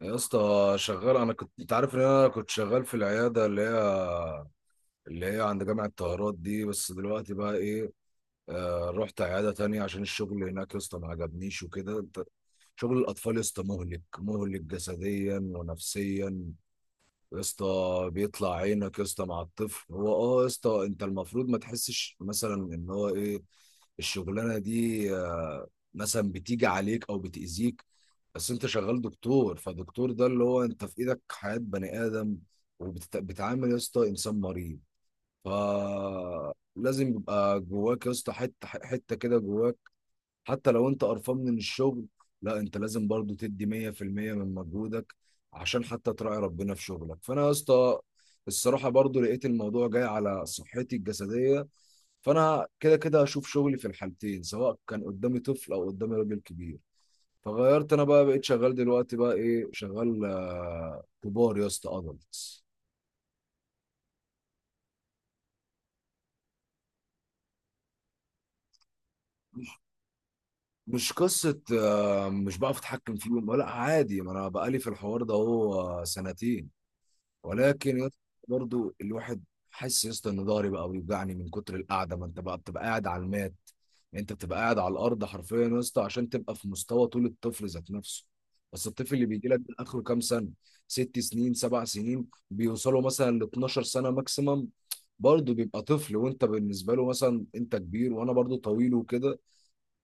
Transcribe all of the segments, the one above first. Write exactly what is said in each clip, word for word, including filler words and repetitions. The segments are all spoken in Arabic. يا اسطى شغال، انا كنت، انت عارف ان انا كنت شغال في العياده اللي هي اللي هي عند جامعه طهرات دي، بس دلوقتي بقى ايه. آه رحت عياده تانية عشان الشغل هناك يا اسطى ما عجبنيش وكده. انت شغل الاطفال يا اسطى مهلك مهلك جسديا ونفسيا يا اسطى، بيطلع عينك يا اسطى مع الطفل. هو اه يا اسطى انت المفروض ما تحسش مثلا ان هو ايه الشغلانه دي آه، مثلا بتيجي عليك او بتاذيك، بس انت شغال دكتور، فدكتور ده اللي هو انت في ايدك حياة بني ادم، وبتعامل يا اسطى انسان مريض، فلازم يبقى جواك يا اسطى حته حته كده جواك. حتى لو انت قرفان من الشغل، لا انت لازم برضو تدي مية في المية من مجهودك عشان حتى تراعي ربنا في شغلك. فانا يا اسطى الصراحه برضو لقيت الموضوع جاي على صحتي الجسديه، فانا كده كده هشوف شغلي في الحالتين، سواء كان قدامي طفل او قدامي راجل كبير. فغيرت انا بقى، بقيت شغال دلوقتي بقى ايه، شغال آه، كبار يا اسطى، ادلتس. مش قصه آه، مش بعرف اتحكم فيهم، لا عادي، ما انا بقالي في الحوار ده اهو آه، سنتين. ولكن يا اسطى برضو الواحد حاسس يا اسطى ان ضهري بقى بيوجعني من كتر القعده، ما انت بقى بتبقى قاعد على المات. يعني انت بتبقى قاعد على الارض حرفيا يا اسطى عشان تبقى في مستوى طول الطفل ذات نفسه. بس الطفل اللي بيجي لك ده اخره كام سنه؟ ست سنين، سبع سنين، بيوصلوا مثلا ل اثنا عشر سنه ماكسيمم. برضه بيبقى طفل، وانت بالنسبه له مثلا انت كبير، وانا برضه طويل وكده.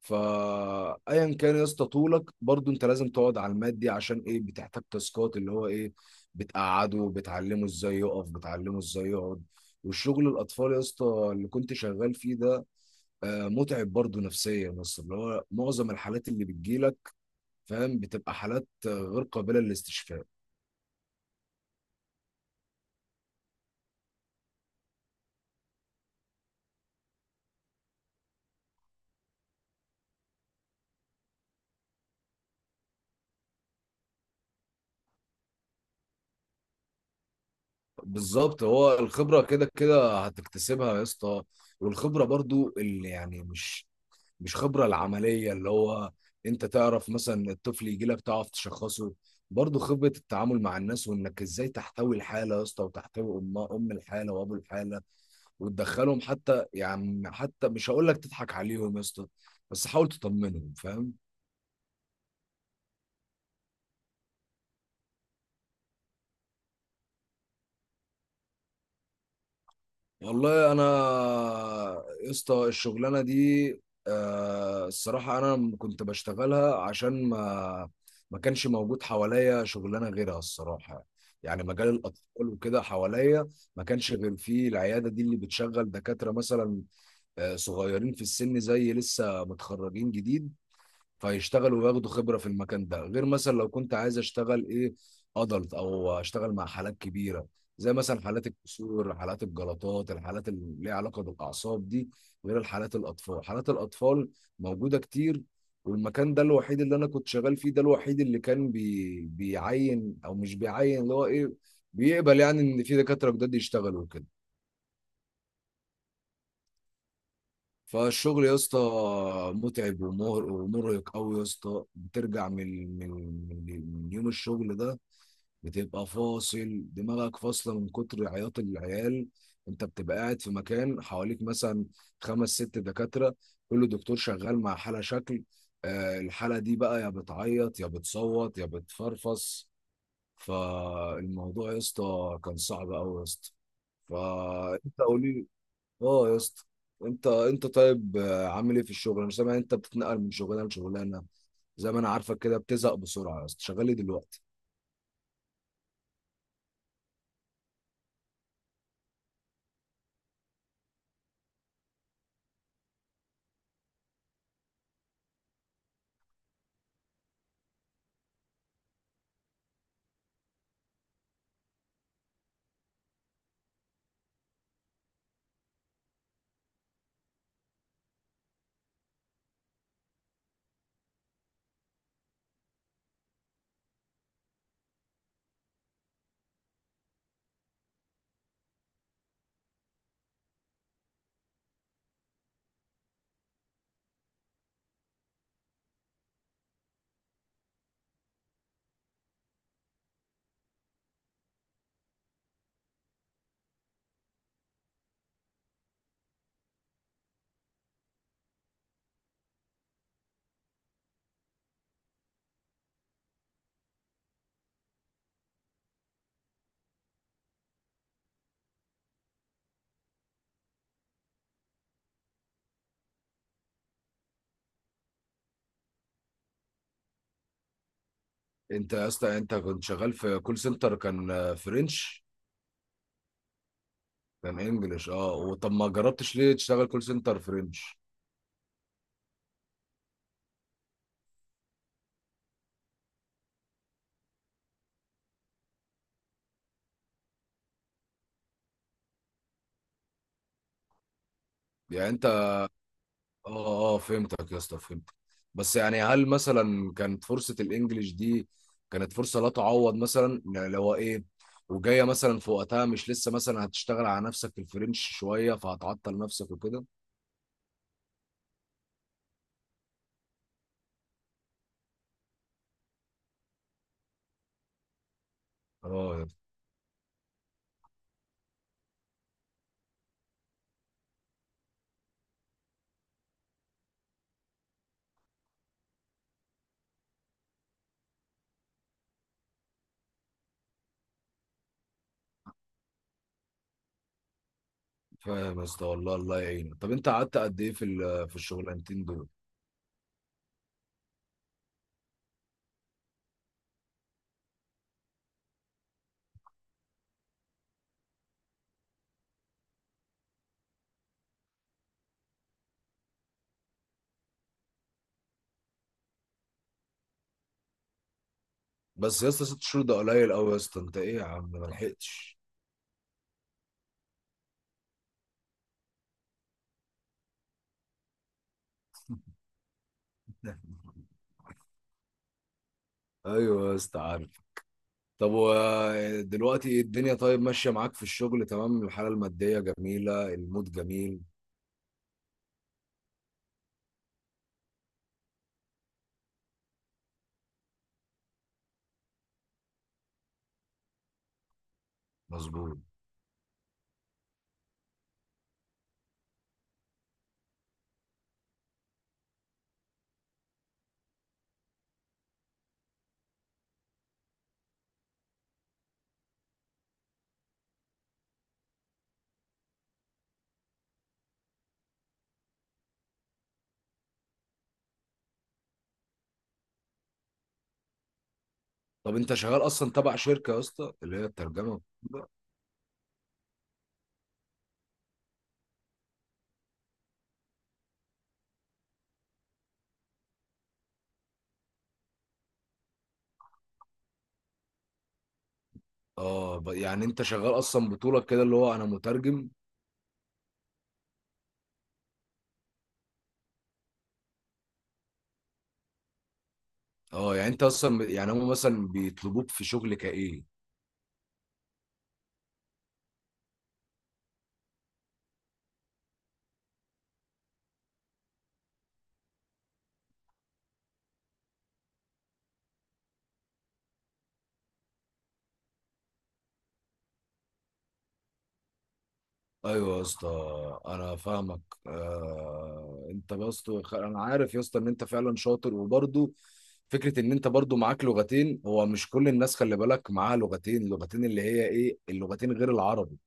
فايا كان يا اسطى طولك، برضو انت لازم تقعد على المات دي، عشان ايه، بتحتاج تاسكات اللي هو ايه، بتقعده، بتعلمه ازاي يقف، بتعلمه ازاي يقعد. والشغل الاطفال يا اسطى اللي كنت شغال فيه ده آه، متعب برضو نفسيا، بس اللي هو معظم الحالات اللي بتجيلك، فاهم، بتبقى حالات آه، غير قابلة للاستشفاء. بالظبط، هو الخبرة كده كده هتكتسبها يا اسطى، والخبرة برضو اللي يعني مش مش خبرة العملية اللي هو انت تعرف مثلا الطفل يجي لك تعرف تشخصه، برضو خبرة التعامل مع الناس، وانك ازاي تحتوي الحالة يا اسطى، وتحتوي ام ام الحالة وابو الحالة، وتدخلهم حتى يعني حتى مش هقول لك تضحك عليهم يا اسطى، بس حاول تطمنهم، فاهم. والله انا يا اسطى الشغلانه دي آه، الصراحه انا كنت بشتغلها عشان ما ما كانش موجود حواليا شغلانه غيرها الصراحه. يعني مجال الاطفال وكده حواليا ما كانش غير فيه العياده دي اللي بتشغل دكاتره مثلا آه، صغيرين في السن زي لسه متخرجين جديد، فيشتغلوا وياخدوا خبرة في المكان ده، غير مثلا لو كنت عايز اشتغل ايه، ادلت او اشتغل مع حالات كبيرة، زي مثلا حالات الكسور، حالات الجلطات، الحالات اللي ليها علاقة بالأعصاب دي، غير الحالات الأطفال. حالات الأطفال موجودة كتير، والمكان ده الوحيد اللي أنا كنت شغال فيه، ده الوحيد اللي كان بي... بيعين أو مش بيعين اللي هو إيه، بيقبل يعني إن في دكاترة جداد يشتغلوا كده. فالشغل يا اسطى متعب ومر- ومرهق قوي يا اسطى. بترجع من من من من يوم الشغل ده بتبقى فاصل دماغك، فاصله من كتر عياط العيال. انت بتبقى قاعد في مكان حواليك مثلا خمس ست دكاتره، كل دكتور شغال مع حاله شكل، آه، الحاله دي بقى يا بتعيط يا بتصوت يا بتفرفص. فالموضوع يا اسطى كان صعب قوي يا اسطى، فانت قولي. اه يا اسطى، انت انت طيب آه، عامل ايه في الشغل؟ انا سامع انت بتتنقل من شغلانه لشغلانه، زي ما انا عارفك كده بتزهق بسرعه يا اسطى. شغال ايه دلوقتي؟ انت يا اسطى انت كنت شغال في كول سنتر، كان آه، فرنش؟ كان انجلش، اه. وطب ما جربتش ليه تشتغل كول سنتر فرنش؟ يعني انت اه اه فهمتك يا اسطى، فهمتك. بس يعني هل مثلا كانت فرصة الانجليش دي كانت فرصة لا تعوض مثلا، يعني لو ايه وجاية مثلا في وقتها، مش لسه مثلا هتشتغل على نفسك في الفرنش شوية فهتعطل نفسك وكده؟ اه يا اسطى، فاهم يا اسطى، والله الله يعينك. طب انت قعدت قد ايه في ال- في الشغلانتين دول؟ بس يا اسطى ست شهور ده قليل قوي يا اسطى، انت ايه يا عم، ما لحقتش؟ ايوه يا اسطى عارف. طب ودلوقتي الدنيا طيب ماشية معاك في الشغل، تمام، الحالة المادية جميلة، المود جميل. مظبوط. طب انت شغال اصلا تبع شركة يا اسطى اللي هي الترجمة؟ اه، ب- يعني انت شغال اصلا بطولك كده اللي هو انا مترجم؟ اه، يعني انت اصلا يعني هم مثلا بيطلبوك في شغل كايه؟ ايوه يا اسطى، انا فاهمك. آه انت يا اسطى، خ- انا عارف يا اسطى ان انت فعلا شاطر، وبرضه فكره ان انت برضه معاك لغتين، هو مش كل الناس خلي بالك معاها لغتين لغتين اللي هي ايه اللغتين غير العربي،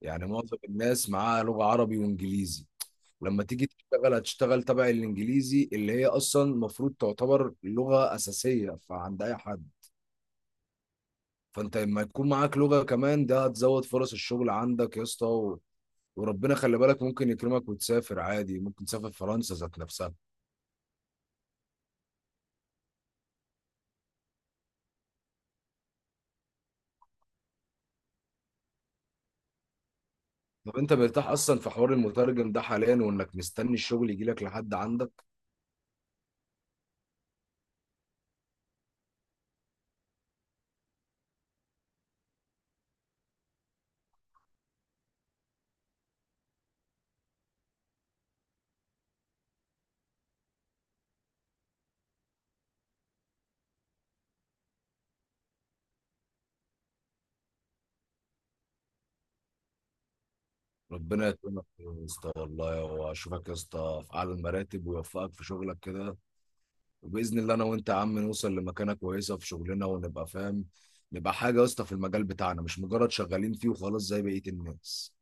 يعني معظم الناس معاها لغه عربي وانجليزي. لما تيجي تشتغل هتشتغل تبع الانجليزي اللي هي اصلا المفروض تعتبر لغه اساسيه فعند اي حد. فانت لما يكون معاك لغه كمان، ده هتزود فرص الشغل عندك يا اسطى. وربنا خلي بالك ممكن يكرمك وتسافر عادي، ممكن تسافر فرنسا ذات نفسها. طب انت مرتاح اصلا في حوار المترجم ده حاليا، وانك مستني الشغل يجي لك لحد عندك؟ ربنا يكرمك يا اسطى، والله واشوفك يا اسطى في اعلى المراتب، ويوفقك في شغلك كده. وباذن الله انا وانت يا عم نوصل لمكانه كويسه في شغلنا، ونبقى فاهم، نبقى حاجه يا اسطى في المجال بتاعنا، مش مجرد شغالين فيه وخلاص زي بقيه الناس.